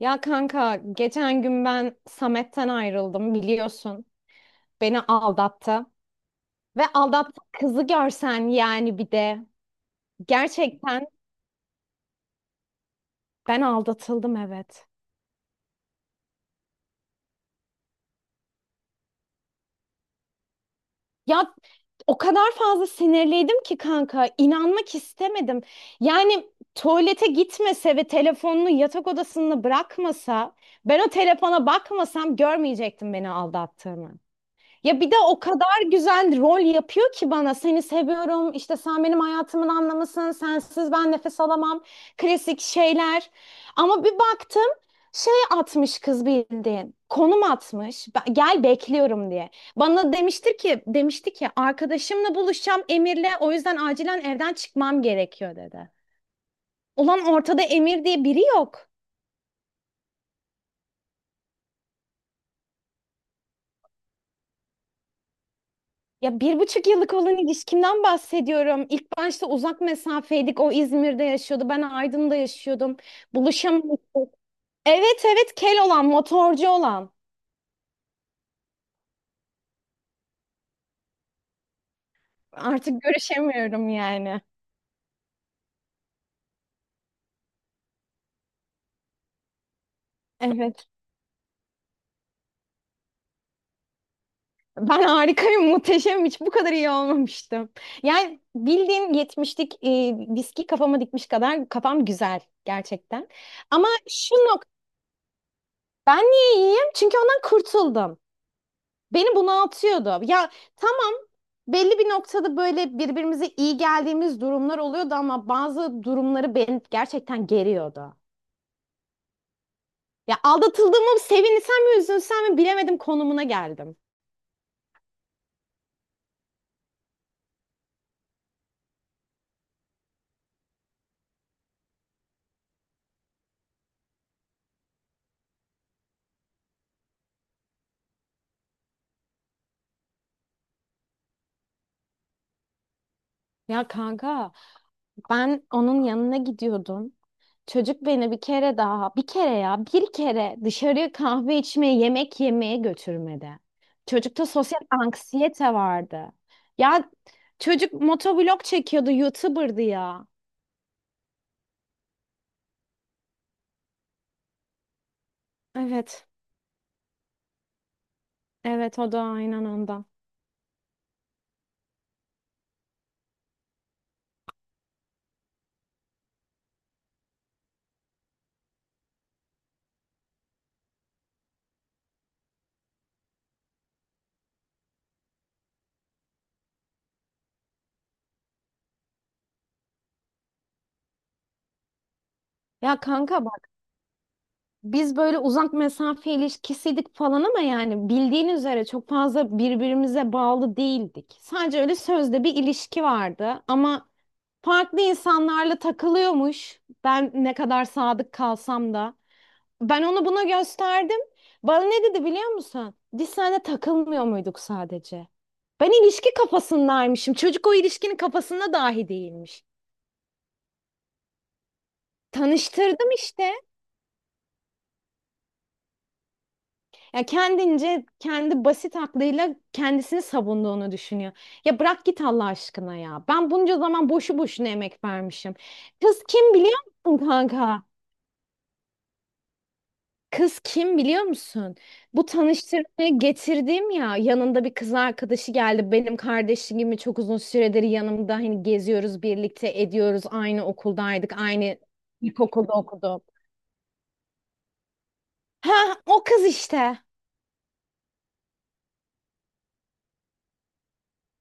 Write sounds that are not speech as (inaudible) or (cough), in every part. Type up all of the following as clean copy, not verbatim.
Ya kanka geçen gün ben Samet'ten ayrıldım biliyorsun. Beni aldattı. Ve aldattı kızı görsen yani bir de. Gerçekten ben aldatıldım, evet. Ya o kadar fazla sinirliydim ki kanka inanmak istemedim. Yani tuvalete gitmese ve telefonunu yatak odasında bırakmasa ben o telefona bakmasam görmeyecektim beni aldattığını. Ya bir de o kadar güzel rol yapıyor ki bana. Seni seviyorum, işte sen benim hayatımın anlamısın, sensiz ben nefes alamam. Klasik şeyler. Ama bir baktım şey atmış kız bildiğin. Konum atmış. Gel bekliyorum" diye. Bana demişti ki arkadaşımla buluşacağım Emir'le, o yüzden acilen evden çıkmam gerekiyor dedi. Ulan ortada Emir diye biri yok. Ya bir buçuk yıllık olan ilişkimden bahsediyorum. İlk başta uzak mesafeydik. O İzmir'de yaşıyordu. Ben Aydın'da yaşıyordum. Buluşamamıştık. Evet evet, kel olan, motorcu olan. Artık görüşemiyorum yani. Evet. Ben harikayım, muhteşemim. Hiç bu kadar iyi olmamıştım. Yani bildiğin 70'lik viski kafama dikmiş kadar kafam güzel gerçekten. Ama şu nokta, ben niye iyiyim? Çünkü ondan kurtuldum. Beni bunaltıyordu. Ya tamam, belli bir noktada böyle birbirimize iyi geldiğimiz durumlar oluyordu ama bazı durumları beni gerçekten geriyordu. Ya aldatıldığımı sevinsem mi üzülsem mi bilemedim konumuna geldim. Ya kanka, ben onun yanına gidiyordum. Çocuk beni bir kere daha, bir kere ya, bir kere dışarıya kahve içmeye, yemek yemeye götürmedi. Çocukta sosyal anksiyete vardı. Ya çocuk motovlog çekiyordu, YouTuber'dı ya. Evet, evet o da aynen ondan. Ya kanka, biz böyle uzak mesafe ilişkisiydik falan ama yani bildiğin üzere çok fazla birbirimize bağlı değildik. Sadece öyle sözde bir ilişki vardı ama farklı insanlarla takılıyormuş. Ben ne kadar sadık kalsam da. Ben onu buna gösterdim. Bana ne dedi biliyor musun? Biz seninle takılmıyor muyduk sadece? Ben ilişki kafasındaymışım. Çocuk o ilişkinin kafasında dahi değilmiş. Tanıştırdım işte. Ya kendince kendi basit aklıyla kendisini savunduğunu düşünüyor. Ya bırak git Allah aşkına ya. Ben bunca zaman boşu boşuna emek vermişim. Kız kim biliyor musun kanka? Kız kim biliyor musun? Bu tanıştırmaya getirdim ya, yanında bir kız arkadaşı geldi. Benim kardeşim gibi çok uzun süredir yanımda, hani geziyoruz birlikte ediyoruz. Aynı okuldaydık. Aynı ilkokulda okuduk. Ha, o kız işte.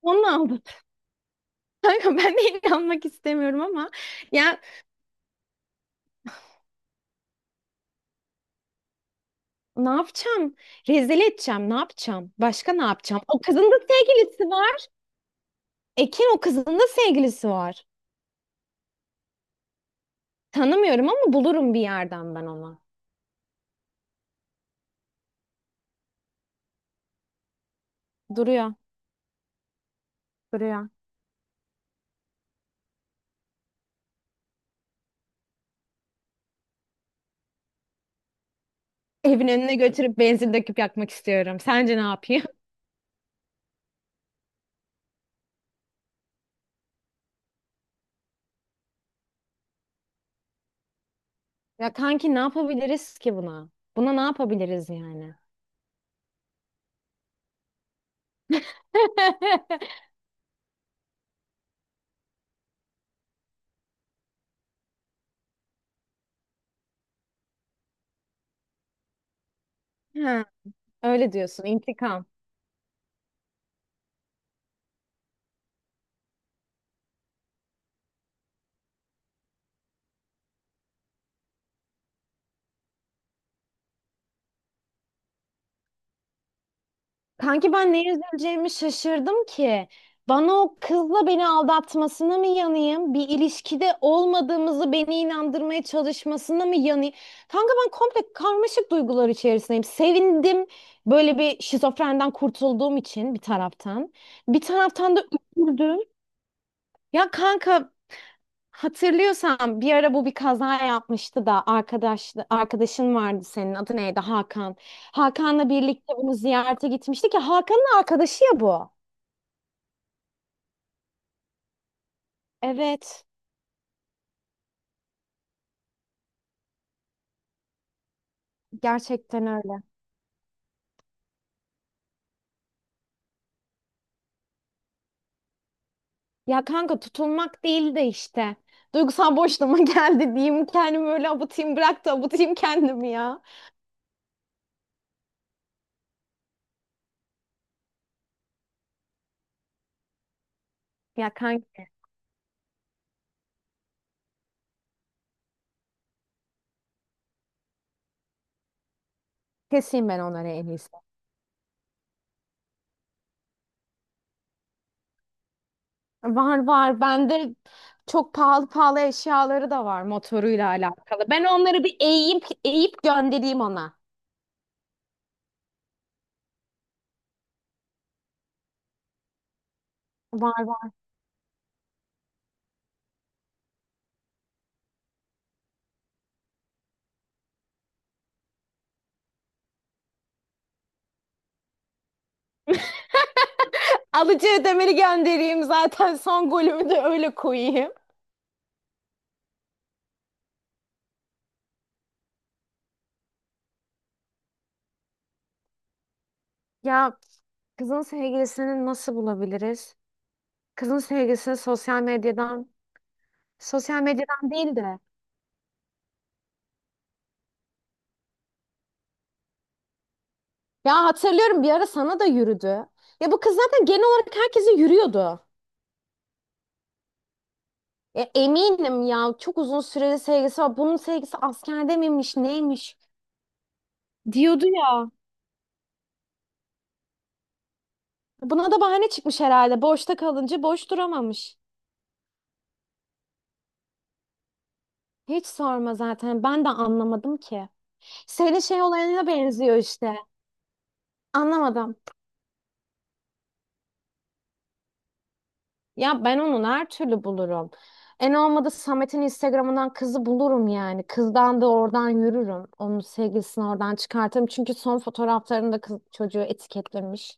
Onu aldım. (laughs) Kanka ben de inanmak istemiyorum ama ya, ne yapacağım? Rezil edeceğim. Ne yapacağım? Başka ne yapacağım? O (laughs) kızın da sevgilisi var. Ekin, o kızın da sevgilisi var. Tanımıyorum ama bulurum bir yerden ben onu. Duruyor, duruyor. Evin önüne götürüp benzin döküp yakmak istiyorum. Sence ne yapayım? (laughs) Ya kanki ne yapabiliriz ki buna? Buna ne yapabiliriz yani? (laughs) Ha, öyle diyorsun. İntikam. Kanki ben neye üzüleceğimi şaşırdım ki. Bana o kızla beni aldatmasına mı yanayım? Bir ilişkide olmadığımızı beni inandırmaya çalışmasına mı yanayım? Kanka ben komple karmaşık duygular içerisindeyim. Sevindim böyle bir şizofrenden kurtulduğum için bir taraftan. Bir taraftan da üzüldüm. Ya kanka, hatırlıyorsan bir ara bu bir kaza yapmıştı da arkadaşın vardı senin, adı neydi, Hakan. Hakan'la birlikte bunu ziyarete gitmiştik ya, Hakan'ın arkadaşı ya bu. Evet, gerçekten öyle. Ya kanka, tutulmak değil de işte. Duygusal boşluğuma (laughs) geldi diyeyim, kendimi öyle abutayım, bırak da abutayım kendimi ya. Ya kanka, keseyim ben onları en iyisi. Var var, bende çok pahalı pahalı eşyaları da var motoruyla alakalı. Ben onları bir eğip eğip göndereyim ona. Var var. Alıcı ödemeli göndereyim zaten, (laughs) son golümü de öyle koyayım. Ya kızın sevgilisini nasıl bulabiliriz? Kızın sevgilisini sosyal medyadan, sosyal medyadan değil de. Ya hatırlıyorum, bir ara sana da yürüdü. Ya bu kız zaten genel olarak herkese yürüyordu. E, eminim ya, çok uzun süreli sevgisi var. Bunun sevgisi askerde miymiş neymiş diyordu ya. Buna da bahane çıkmış herhalde. Boşta kalınca boş duramamış. Hiç sorma, zaten ben de anlamadım ki. Senin şey olayına benziyor işte. Anlamadım. Ya ben onu her türlü bulurum. En olmadı Samet'in Instagram'ından kızı bulurum yani. Kızdan da oradan yürürüm. Onun sevgilisini oradan çıkartırım. Çünkü son fotoğraflarında kız çocuğu etiketlemiş.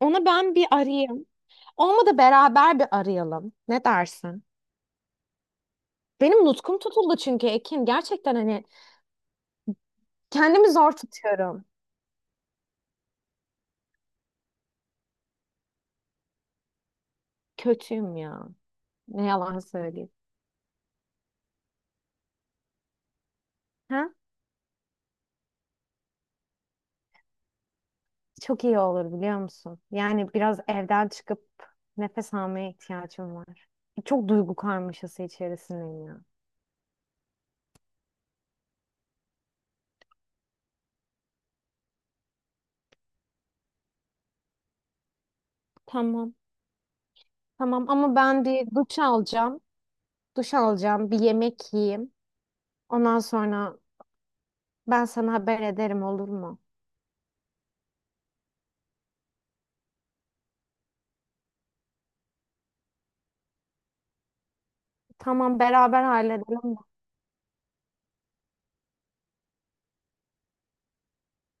Onu ben bir arayayım. Olmadı beraber bir arayalım. Ne dersin? Benim nutkum tutuldu çünkü Ekin. Gerçekten hani kendimi zor tutuyorum. Kötüyüm ya. Ne yalan söyleyeyim. Ha? Çok iyi olur biliyor musun? Yani biraz evden çıkıp nefes almaya ihtiyacım var. Çok duygu karmaşası içerisindeyim ya. Tamam. Tamam, ama ben bir duş alacağım. Duş alacağım, bir yemek yiyeyim. Ondan sonra ben sana haber ederim, olur mu? Tamam, beraber halledelim.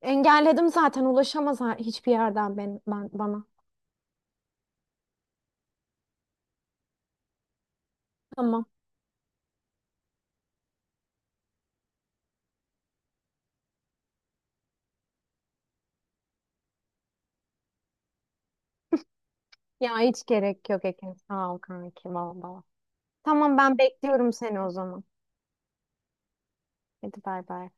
Engelledim zaten, ulaşamaz hiçbir yerden ben bana. Tamam. Ya hiç gerek yok Ekin. Sağ ol kanki, valla. Tamam ben bekliyorum seni o zaman. Hadi bay bay.